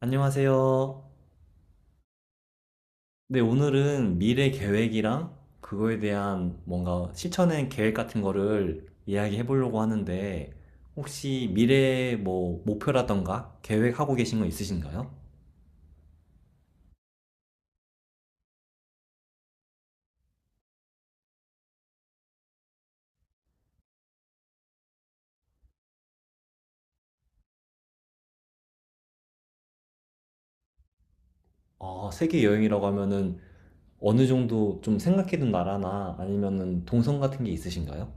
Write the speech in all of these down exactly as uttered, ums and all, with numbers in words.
안녕하세요. 네, 오늘은 미래 계획이랑 그거에 대한 뭔가 실천의 계획 같은 거를 이야기해 보려고 하는데, 혹시 미래 뭐 목표라던가 계획하고 계신 거 있으신가요? 아, 세계 여행이라고 하면은 어느 정도 좀 생각해둔 나라나 아니면은 동선 같은 게 있으신가요?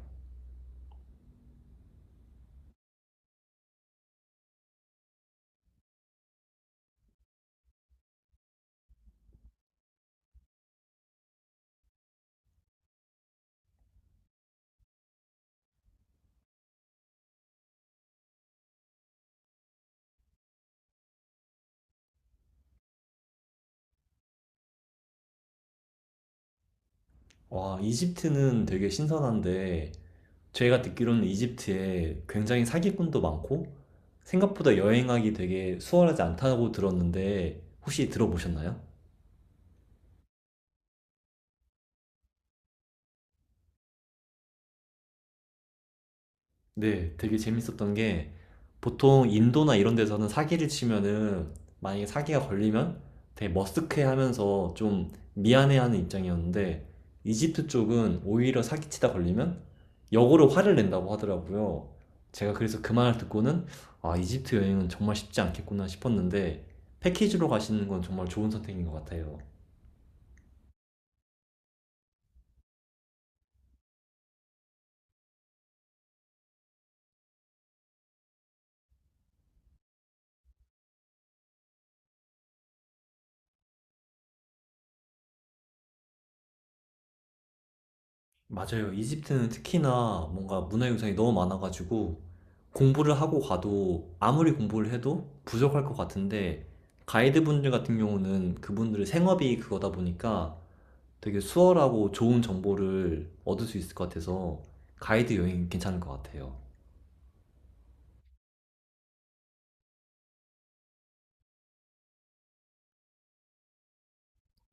와, 이집트는 되게 신선한데, 제가 듣기로는 이집트에 굉장히 사기꾼도 많고, 생각보다 여행하기 되게 수월하지 않다고 들었는데 혹시 들어보셨나요? 네, 되게 재밌었던 게 보통 인도나 이런 데서는 사기를 치면은 만약에 사기가 걸리면 되게 머쓱해하면서 좀 미안해하는 입장이었는데, 이집트 쪽은 오히려 사기치다 걸리면 역으로 화를 낸다고 하더라고요. 제가 그래서 그 말을 듣고는, 아, 이집트 여행은 정말 쉽지 않겠구나 싶었는데, 패키지로 가시는 건 정말 좋은 선택인 것 같아요. 맞아요. 이집트는 특히나 뭔가 문화 유산이 너무 많아가지고 공부를 하고 가도, 아무리 공부를 해도 부족할 것 같은데, 가이드분들 같은 경우는 그분들의 생업이 그거다 보니까 되게 수월하고 좋은 정보를 얻을 수 있을 것 같아서 가이드 여행 괜찮을 것 같아요.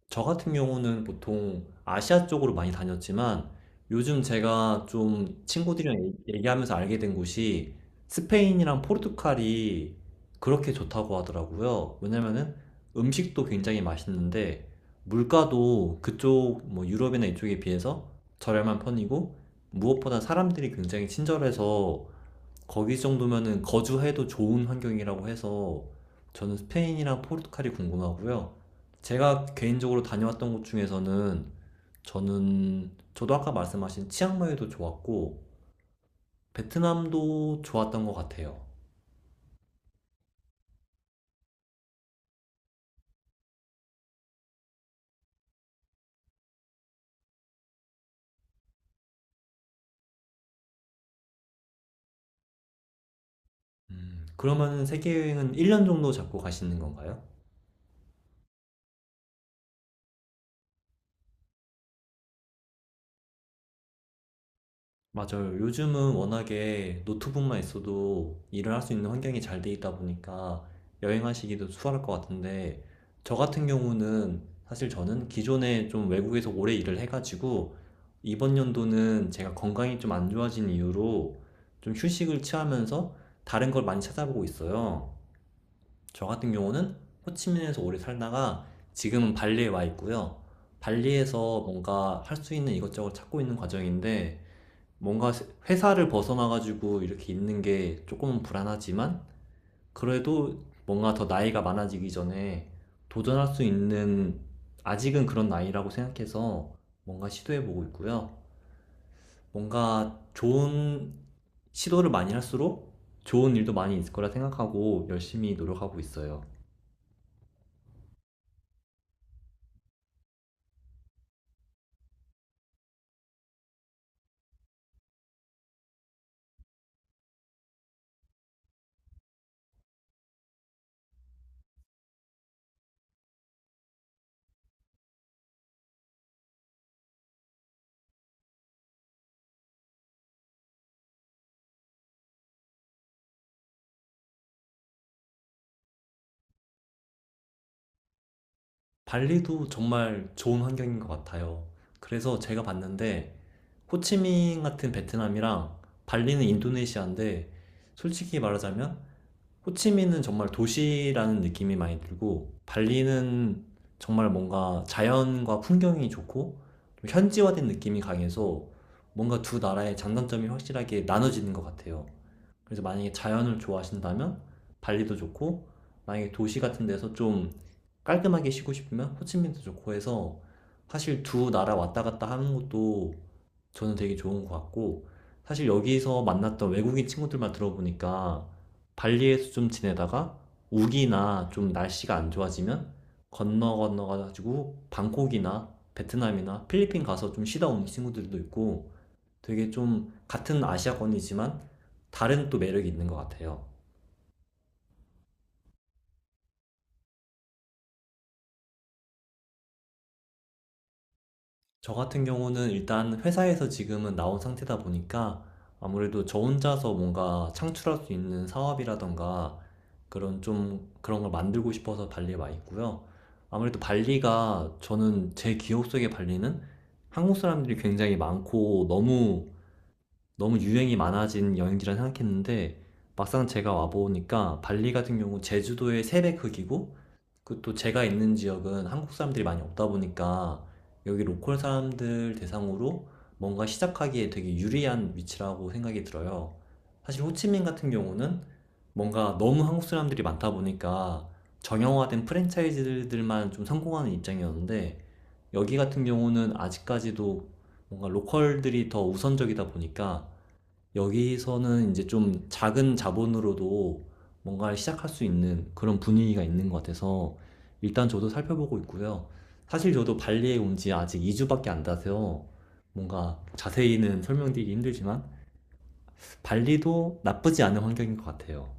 저 같은 경우는 보통 아시아 쪽으로 많이 다녔지만, 요즘 제가 좀 친구들이랑 얘- 얘기하면서 알게 된 곳이 스페인이랑 포르투갈이 그렇게 좋다고 하더라고요. 왜냐면은 음식도 굉장히 맛있는데 물가도 그쪽 뭐 유럽이나 이쪽에 비해서 저렴한 편이고, 무엇보다 사람들이 굉장히 친절해서 거기 정도면은 거주해도 좋은 환경이라고 해서, 저는 스페인이랑 포르투갈이 궁금하고요. 제가 개인적으로 다녀왔던 곳 중에서는, 저는 저도 아까 말씀하신 치앙마이도 좋았고 베트남도 좋았던 것 같아요. 음, 그러면은 세계 여행은 일 년 정도 잡고 가시는 건가요? 맞아요. 요즘은 워낙에 노트북만 있어도 일을 할 수 있는 환경이 잘 돼 있다 보니까 여행하시기도 수월할 것 같은데, 저 같은 경우는 사실 저는 기존에 좀 외국에서 오래 일을 해가지고, 이번 연도는 제가 건강이 좀 안 좋아진 이유로 좀 휴식을 취하면서 다른 걸 많이 찾아보고 있어요. 저 같은 경우는 호치민에서 오래 살다가 지금은 발리에 와 있고요. 발리에서 뭔가 할 수 있는 이것저것 찾고 있는 과정인데, 뭔가 회사를 벗어나가지고 이렇게 있는 게 조금은 불안하지만, 그래도 뭔가 더 나이가 많아지기 전에 도전할 수 있는, 아직은 그런 나이라고 생각해서 뭔가 시도해보고 있고요. 뭔가 좋은 시도를 많이 할수록 좋은 일도 많이 있을 거라 생각하고 열심히 노력하고 있어요. 발리도 정말 좋은 환경인 것 같아요. 그래서 제가 봤는데, 호치민 같은 베트남이랑 발리는 인도네시아인데, 솔직히 말하자면 호치민은 정말 도시라는 느낌이 많이 들고 발리는 정말 뭔가 자연과 풍경이 좋고 좀 현지화된 느낌이 강해서, 뭔가 두 나라의 장단점이 확실하게 나눠지는 것 같아요. 그래서 만약에 자연을 좋아하신다면 발리도 좋고, 만약에 도시 같은 데서 좀 깔끔하게 쉬고 싶으면 호치민도 좋고 해서, 사실 두 나라 왔다 갔다 하는 것도 저는 되게 좋은 것 같고, 사실 여기서 만났던 외국인 친구들만 들어보니까 발리에서 좀 지내다가 우기나 좀 날씨가 안 좋아지면 건너 건너가지고 방콕이나 베트남이나 필리핀 가서 좀 쉬다 온 친구들도 있고, 되게 좀 같은 아시아권이지만 다른 또 매력이 있는 것 같아요. 저 같은 경우는 일단 회사에서 지금은 나온 상태다 보니까 아무래도 저 혼자서 뭔가 창출할 수 있는 사업이라던가 그런 좀 그런 걸 만들고 싶어서 발리에 와 있고요. 아무래도 발리가, 저는 제 기억 속의 발리는 한국 사람들이 굉장히 많고 너무 너무 유행이 많아진 여행지라 생각했는데, 막상 제가 와 보니까 발리 같은 경우 제주도의 새배 크기고, 그 또 제가 있는 지역은 한국 사람들이 많이 없다 보니까 여기 로컬 사람들 대상으로 뭔가 시작하기에 되게 유리한 위치라고 생각이 들어요. 사실 호치민 같은 경우는 뭔가 너무 한국 사람들이 많다 보니까 정형화된 프랜차이즈들만 좀 성공하는 입장이었는데, 여기 같은 경우는 아직까지도 뭔가 로컬들이 더 우선적이다 보니까 여기서는 이제 좀 작은 자본으로도 뭔가를 시작할 수 있는 그런 분위기가 있는 것 같아서 일단 저도 살펴보고 있고요. 사실 저도 발리에 온 지 아직 이 주밖에 안 돼서 뭔가 자세히는 설명드리기 힘들지만 발리도 나쁘지 않은 환경인 것 같아요.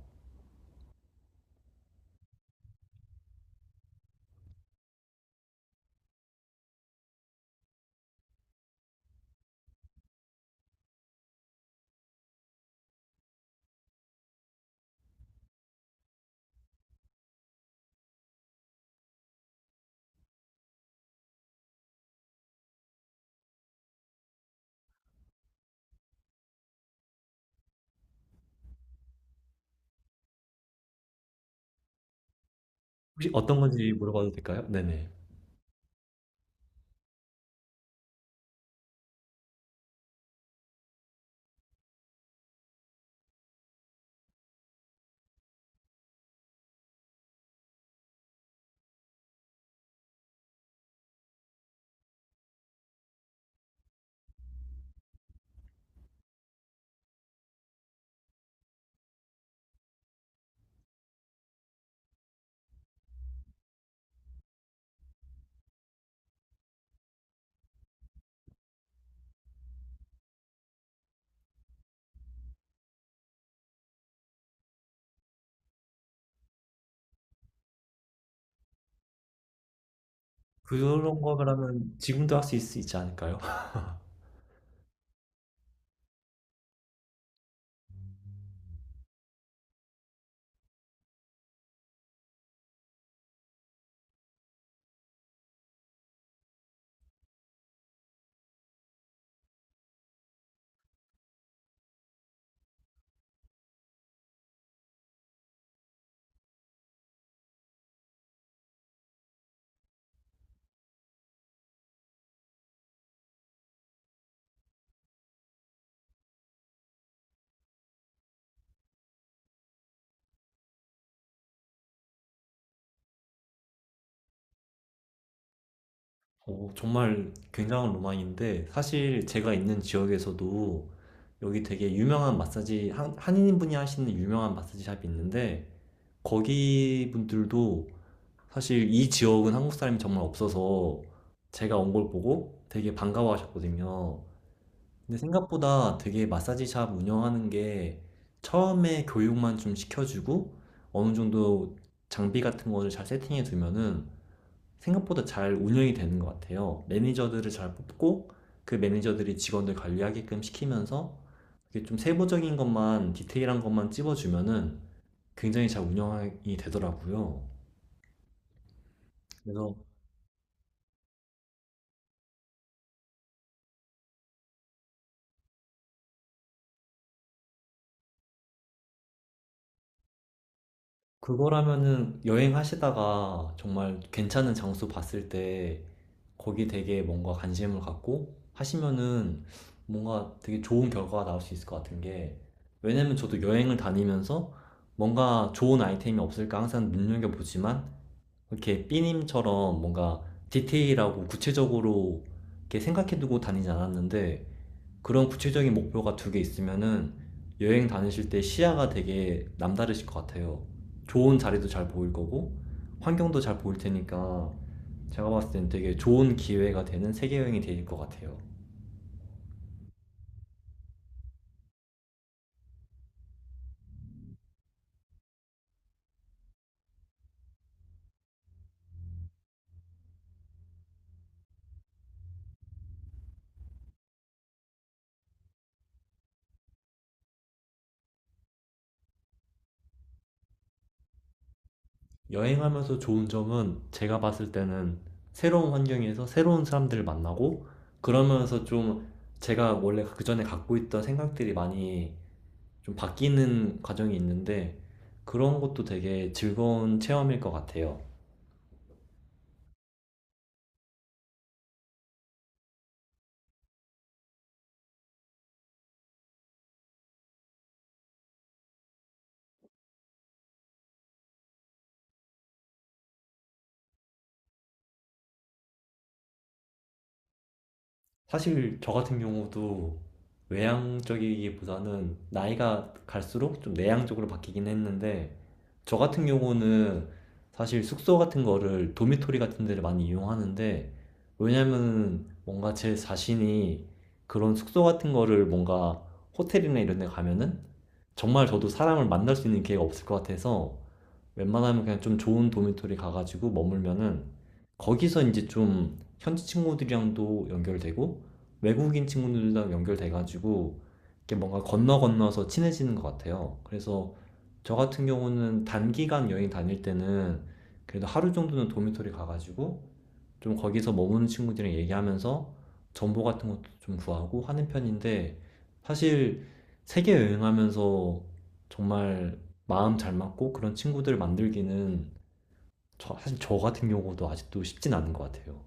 혹시 어떤 건지 물어봐도 될까요? 네네. 그런 거라면 지금도 할 수 있지 않을까요? 오, 정말 굉장한 로망인데, 사실 제가 있는 지역에서도 여기 되게 유명한 마사지, 한, 한인분이 하시는 유명한 마사지 샵이 있는데, 거기 분들도 사실 이 지역은 한국 사람이 정말 없어서 제가 온 걸 보고 되게 반가워 하셨거든요. 근데 생각보다 되게 마사지 샵 운영하는 게 처음에 교육만 좀 시켜주고 어느 정도 장비 같은 거를 잘 세팅해 두면은 생각보다 잘 운영이 되는 것 같아요. 매니저들을 잘 뽑고 그 매니저들이 직원들 관리하게끔 시키면서 이게 좀 세부적인 것만, 디테일한 것만 찝어주면은 굉장히 잘 운영이 되더라고요. 그래서 그거라면은 여행하시다가 정말 괜찮은 장소 봤을 때 거기 되게 뭔가 관심을 갖고 하시면은 뭔가 되게 좋은 결과가 나올 수 있을 것 같은 게, 왜냐면 저도 여행을 다니면서 뭔가 좋은 아이템이 없을까 항상 눈여겨보지만 이렇게 삐님처럼 뭔가 디테일하고 구체적으로 이렇게 생각해두고 다니지 않았는데, 그런 구체적인 목표가 두 개 있으면은 여행 다니실 때 시야가 되게 남다르실 것 같아요. 좋은 자리도 잘 보일 거고 환경도 잘 보일 테니까 제가 봤을 땐 되게 좋은 기회가 되는 세계 여행이 될 것 같아요. 여행하면서 좋은 점은, 제가 봤을 때는 새로운 환경에서 새로운 사람들을 만나고 그러면서 좀 제가 원래 그 전에 갖고 있던 생각들이 많이 좀 바뀌는 과정이 있는데, 그런 것도 되게 즐거운 체험일 것 같아요. 사실 저 같은 경우도 외향적이기보다는 나이가 갈수록 좀 내향적으로 바뀌긴 했는데, 저 같은 경우는 사실 숙소 같은 거를, 도미토리 같은 데를 많이 이용하는데, 왜냐면 뭔가 제 자신이 그런 숙소 같은 거를, 뭔가 호텔이나 이런 데 가면은 정말 저도 사람을 만날 수 있는 기회가 없을 것 같아서 웬만하면 그냥 좀 좋은 도미토리 가가지고 머물면은 거기서 이제 좀 현지 친구들이랑도 연결되고 외국인 친구들이랑 연결돼가지고 이렇게 뭔가 건너 건너서 친해지는 것 같아요. 그래서 저 같은 경우는 단기간 여행 다닐 때는 그래도 하루 정도는 도미토리 가가지고 좀 거기서 머무는 친구들이랑 얘기하면서 정보 같은 것도 좀 구하고 하는 편인데, 사실 세계 여행하면서 정말 마음 잘 맞고 그런 친구들 만들기는, 저, 사실 저 같은 경우도 아직도 쉽진 않은 것 같아요.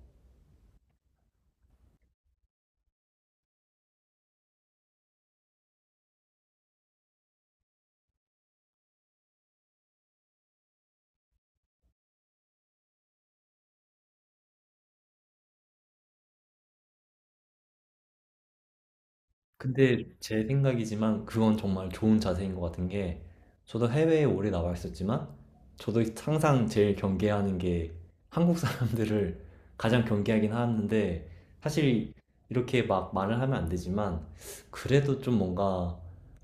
근데 제 생각이지만 그건 정말 좋은 자세인 것 같은 게, 저도 해외에 오래 나와 있었지만 저도 항상 제일 경계하는 게 한국 사람들을 가장 경계하긴 하는데, 사실 이렇게 막 말을 하면 안 되지만 그래도 좀 뭔가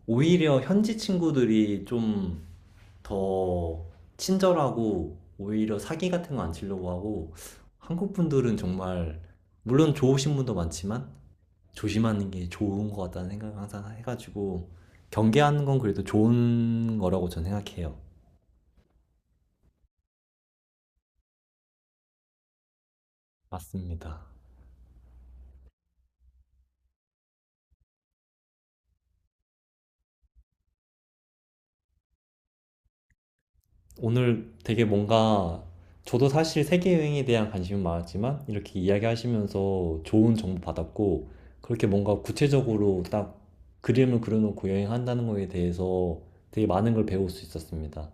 오히려 현지 친구들이 좀 더 친절하고 오히려 사기 같은 거 안 치려고 하고, 한국 분들은 정말, 물론 좋으신 분도 많지만 조심하는 게 좋은 것 같다는 생각을 항상 해가지고 경계하는 건 그래도 좋은 거라고 저는 생각해요. 맞습니다. 오늘 되게 뭔가 저도 사실 세계여행에 대한 관심은 많았지만 이렇게 이야기하시면서 좋은 정보 받았고, 그렇게 뭔가 구체적으로 딱 그림을 그려놓고 여행한다는 거에 대해서 되게 많은 걸 배울 수 있었습니다.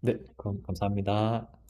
네, 그럼 감사합니다.